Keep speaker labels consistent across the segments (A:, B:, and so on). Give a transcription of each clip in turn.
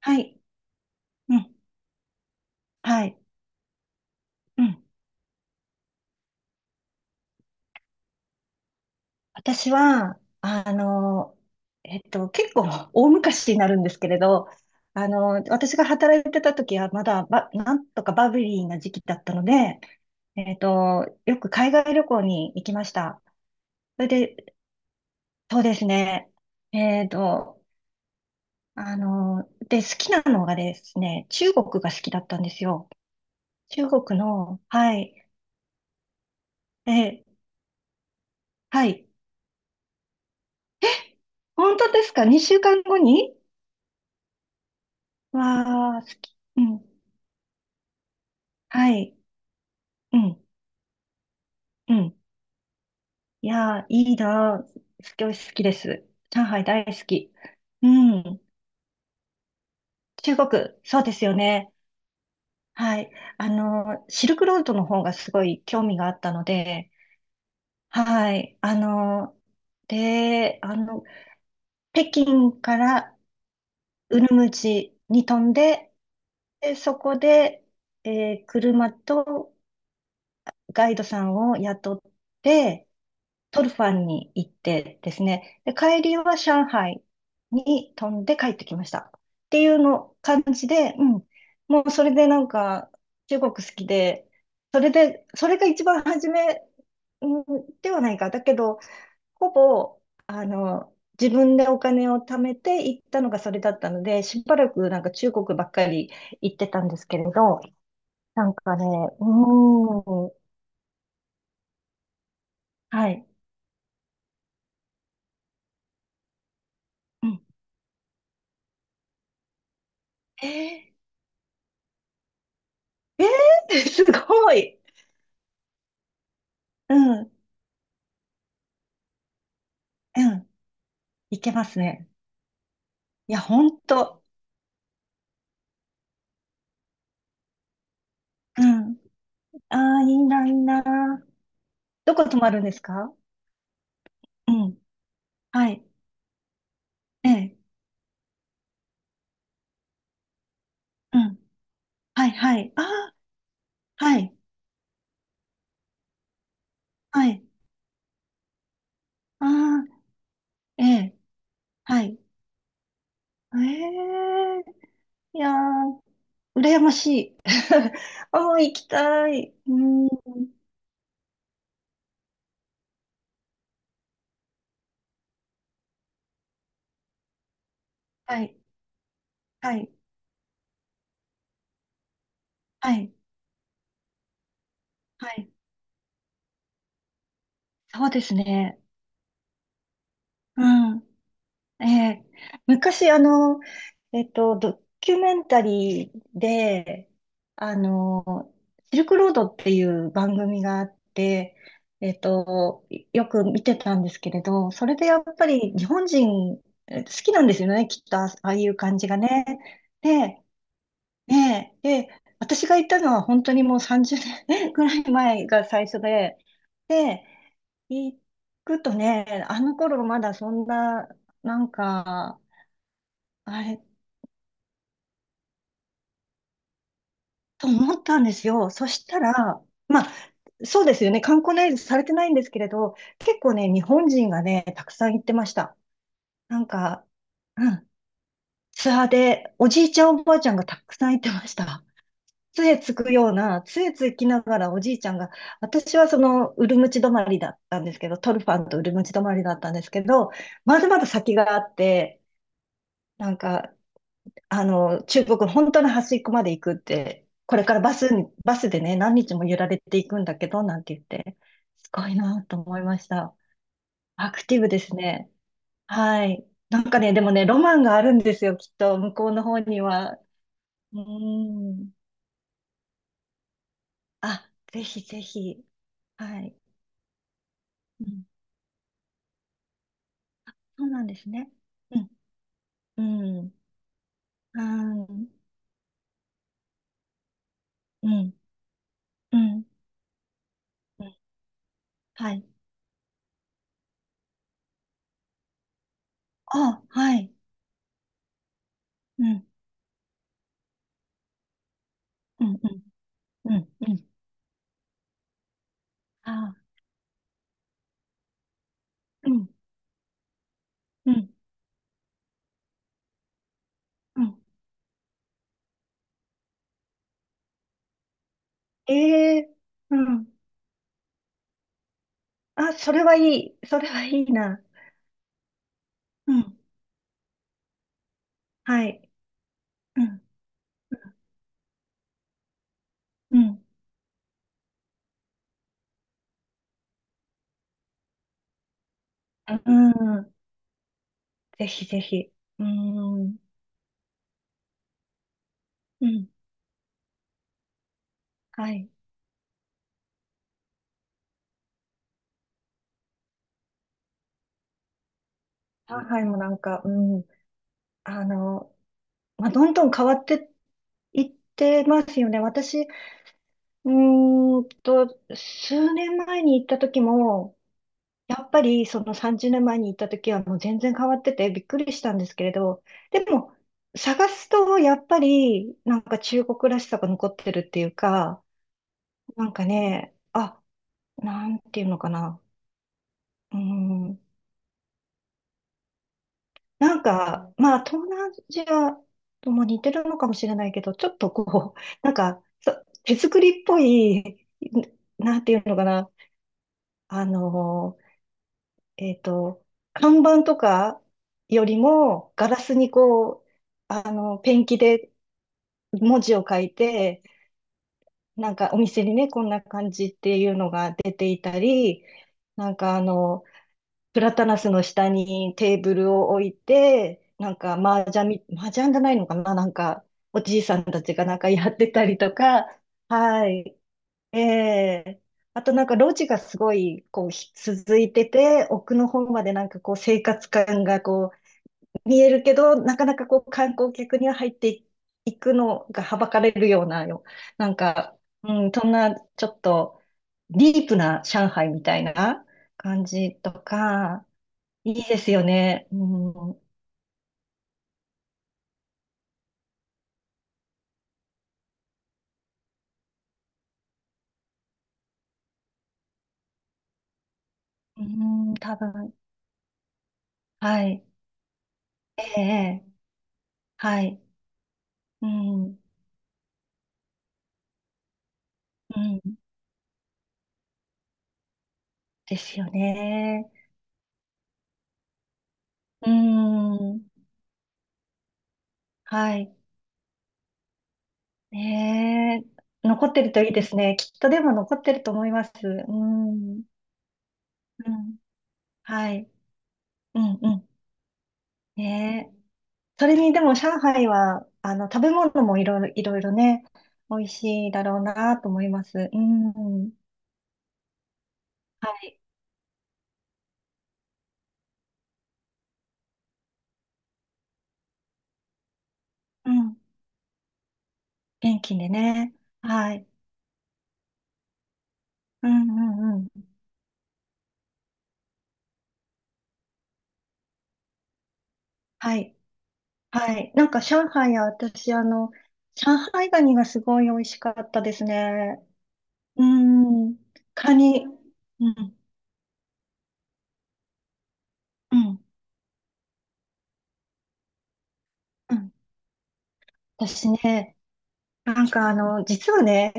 A: はい。うん。はい。うん。私は、結構大昔になるんですけれど、私が働いてた時はまだなんとかバブリーな時期だったので、よく海外旅行に行きました。それで、そうですね。えっと、あの、で、好きなのがですね、中国が好きだったんですよ。中国の、はい。え、はい。本当ですか？ 2 週間後に。わあ、好き。うん。はい。うん。うん。いやー、いいなー。好きです。上海大好き。うん。中国、そうですよね。はい。あのー、シルクロードの方がすごい興味があったので、はい。あのー、で、あの、北京からウルムチに飛んで、で、そこで、車とガイドさんを雇って、トルファンに行ってですね、で、帰りは上海に飛んで帰ってきました。っていうの感じで、うん、もうそれでなんか中国好きで、それで、それが一番初め、うんではないか。だけど、ほぼ、あの、自分でお金を貯めて行ったのがそれだったので、しばらくなんか中国ばっかり行ってたんですけれど、なんかね、うーん、はい。うん。えー、えすごい。うん、うん。いけますね。いや、ほんと。うん。ああ、いいな。どこ泊まるんですか？うん。はい。ええ。うん。はい、はい。ああ、はい。はい。ああ、ええ。はい。ええ。いやー、羨ましい。ああ、行きたい。うん。はい。はい。はい。はい。そうですね。うん。ええ。昔、ドキュメンタリーで、あの、シルクロードっていう番組があって、えっと、よく見てたんですけれど、それでやっぱり日本人好きなんですよね、きっと、ああいう感じがね。で、ねえ、で、私が行ったのは本当にもう30年 ぐらい前が最初で、で、行くとね、あの頃まだそんな、なんか、あれ、と思ったんですよ。そしたら、まあ、そうですよね、観光ナイズされてないんですけれど、結構ね、日本人がね、たくさん行ってました。なんか、うん、ツアーで、おじいちゃん、おばあちゃんがたくさん行ってました。杖つくような、杖つきながらおじいちゃんが、私はその、ウルムチ止まりだったんですけど、トルファンとウルムチ止まりだったんですけど、まだまだ先があって、なんか、中国の本当の端っこまで行くって、これからバスでね、何日も揺られていくんだけど、なんて言って、すごいなと思いました。アクティブですね。はい。なんかね、でもね、ロマンがあるんですよ、きっと、向こうの方には。うーん。あ、ぜひぜひ。はい。うん、そうなんですね。うん、うん、あー、うん、うん、うん、はい。あ、はい。うん、うん、うん、うん、うん。あー、うん、うん、うん。ええ。うん。あ、それはいい。それはいいな。うん、はい。うん、うん、うん。ぜひぜひ。うん、うん、はい。上海もなんか、うん、あの、どんどん変わっていってますよね。私、うーんと、数年前に行った時も、やっぱりその30年前に行った時はもう全然変わっててびっくりしたんですけれど、でも探すとやっぱりなんか中国らしさが残ってるっていうか、なんかね、あ、なんていうのかな。うーん、なんか、まあ東南アジアとも似てるのかもしれないけど、ちょっとこう、なんかそ手作りっぽい、ん、なんていうのかな。あのえっと、看板とかよりも、ガラスにこう、ペンキで文字を書いて、なんかお店にね、こんな感じっていうのが出ていたり、なんかあの、プラタナスの下にテーブルを置いて、なんか麻雀じゃないのかな、なんかおじいさんたちがなんかやってたりとか、はい。ええ、あとなんか路地がすごいこう続いてて、奥の方までなんかこう生活感がこう見えるけど、なかなかこう観光客には入っていくのがはばかれるようななんか、うん、そんなちょっとディープな上海みたいな感じとか、いいですよね。うん、多分、はい。ええ。はい。うん、うん、ですよね。うん。はい。ねえ、残ってるといいですね。きっとでも残ってると思います。うん。うん。はい。うん、うん。ねえ。それにでも上海は、食べ物もいろいろ、いろいろね、美味しいだろうなと思います。うん。はい。うん。元気でね。はい。うん、うん、うん。はい。はい。なんか上海は私、上海ガニがすごい美味しかったですね。うん。カニ。うんうん、うん。私ね、実はね、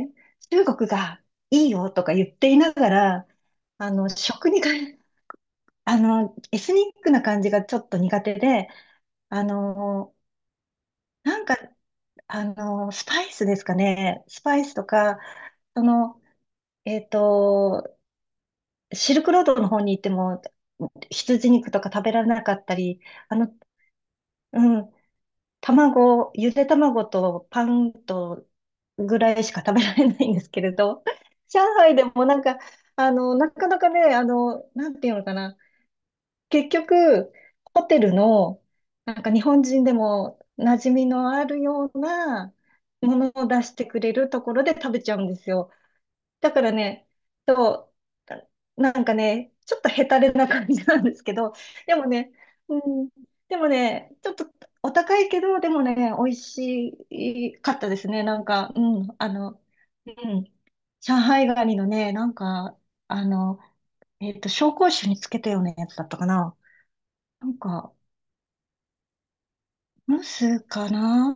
A: 中国がいいよとか言っていながら、あの、食にか、エスニックな感じがちょっと苦手で、あの、なんか、スパイスですかね、スパイスとか、その、えっと、シルクロードの方に行っても、羊肉とか食べられなかったり、あの、うん、卵、ゆで卵とパンとぐらいしか食べられないんですけれど、上海でもなんか、なかなかね、なんていうのかな、結局、ホテルの、なんか日本人でも馴染みのあるようなものを出してくれるところで食べちゃうんですよ。だからね、そう、なんかね、ちょっとヘタレな感じなんですけど、でもね、うん、でもね、ちょっとお高いけど、でもね、美味しかったですね。うん、上海ガニのね、あの、紹興酒につけたようなやつだったかな。なんか、ムスかな。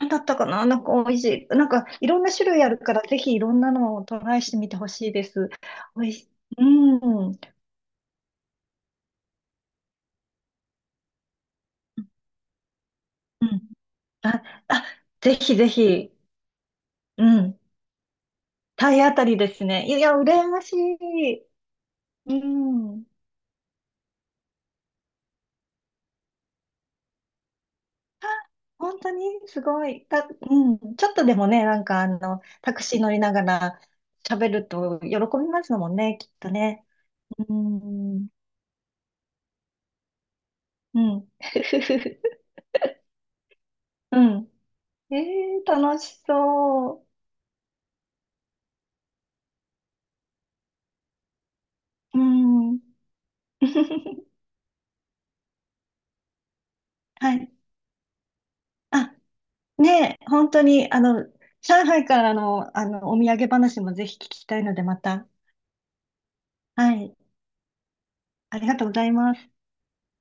A: なんだったかな。なんか美味しい。なんか、いろんな種類あるから、ぜひいろんなのをトライしてみてほしいです。美味しい。うん。うん。あ、あ、ぜひぜひ。うん。体当たりですね。いや、羨ましい。うん。あ、本当にすごい。うん。ちょっとでもね、タクシー乗りながら喋ると喜びますもんね、きっとね。うん。うん。うん。えー、楽しそう。うん。はい。あ、ねえ、本当に、上海からの、お土産話もぜひ聞きたいので、また。はい。ありがとうございます。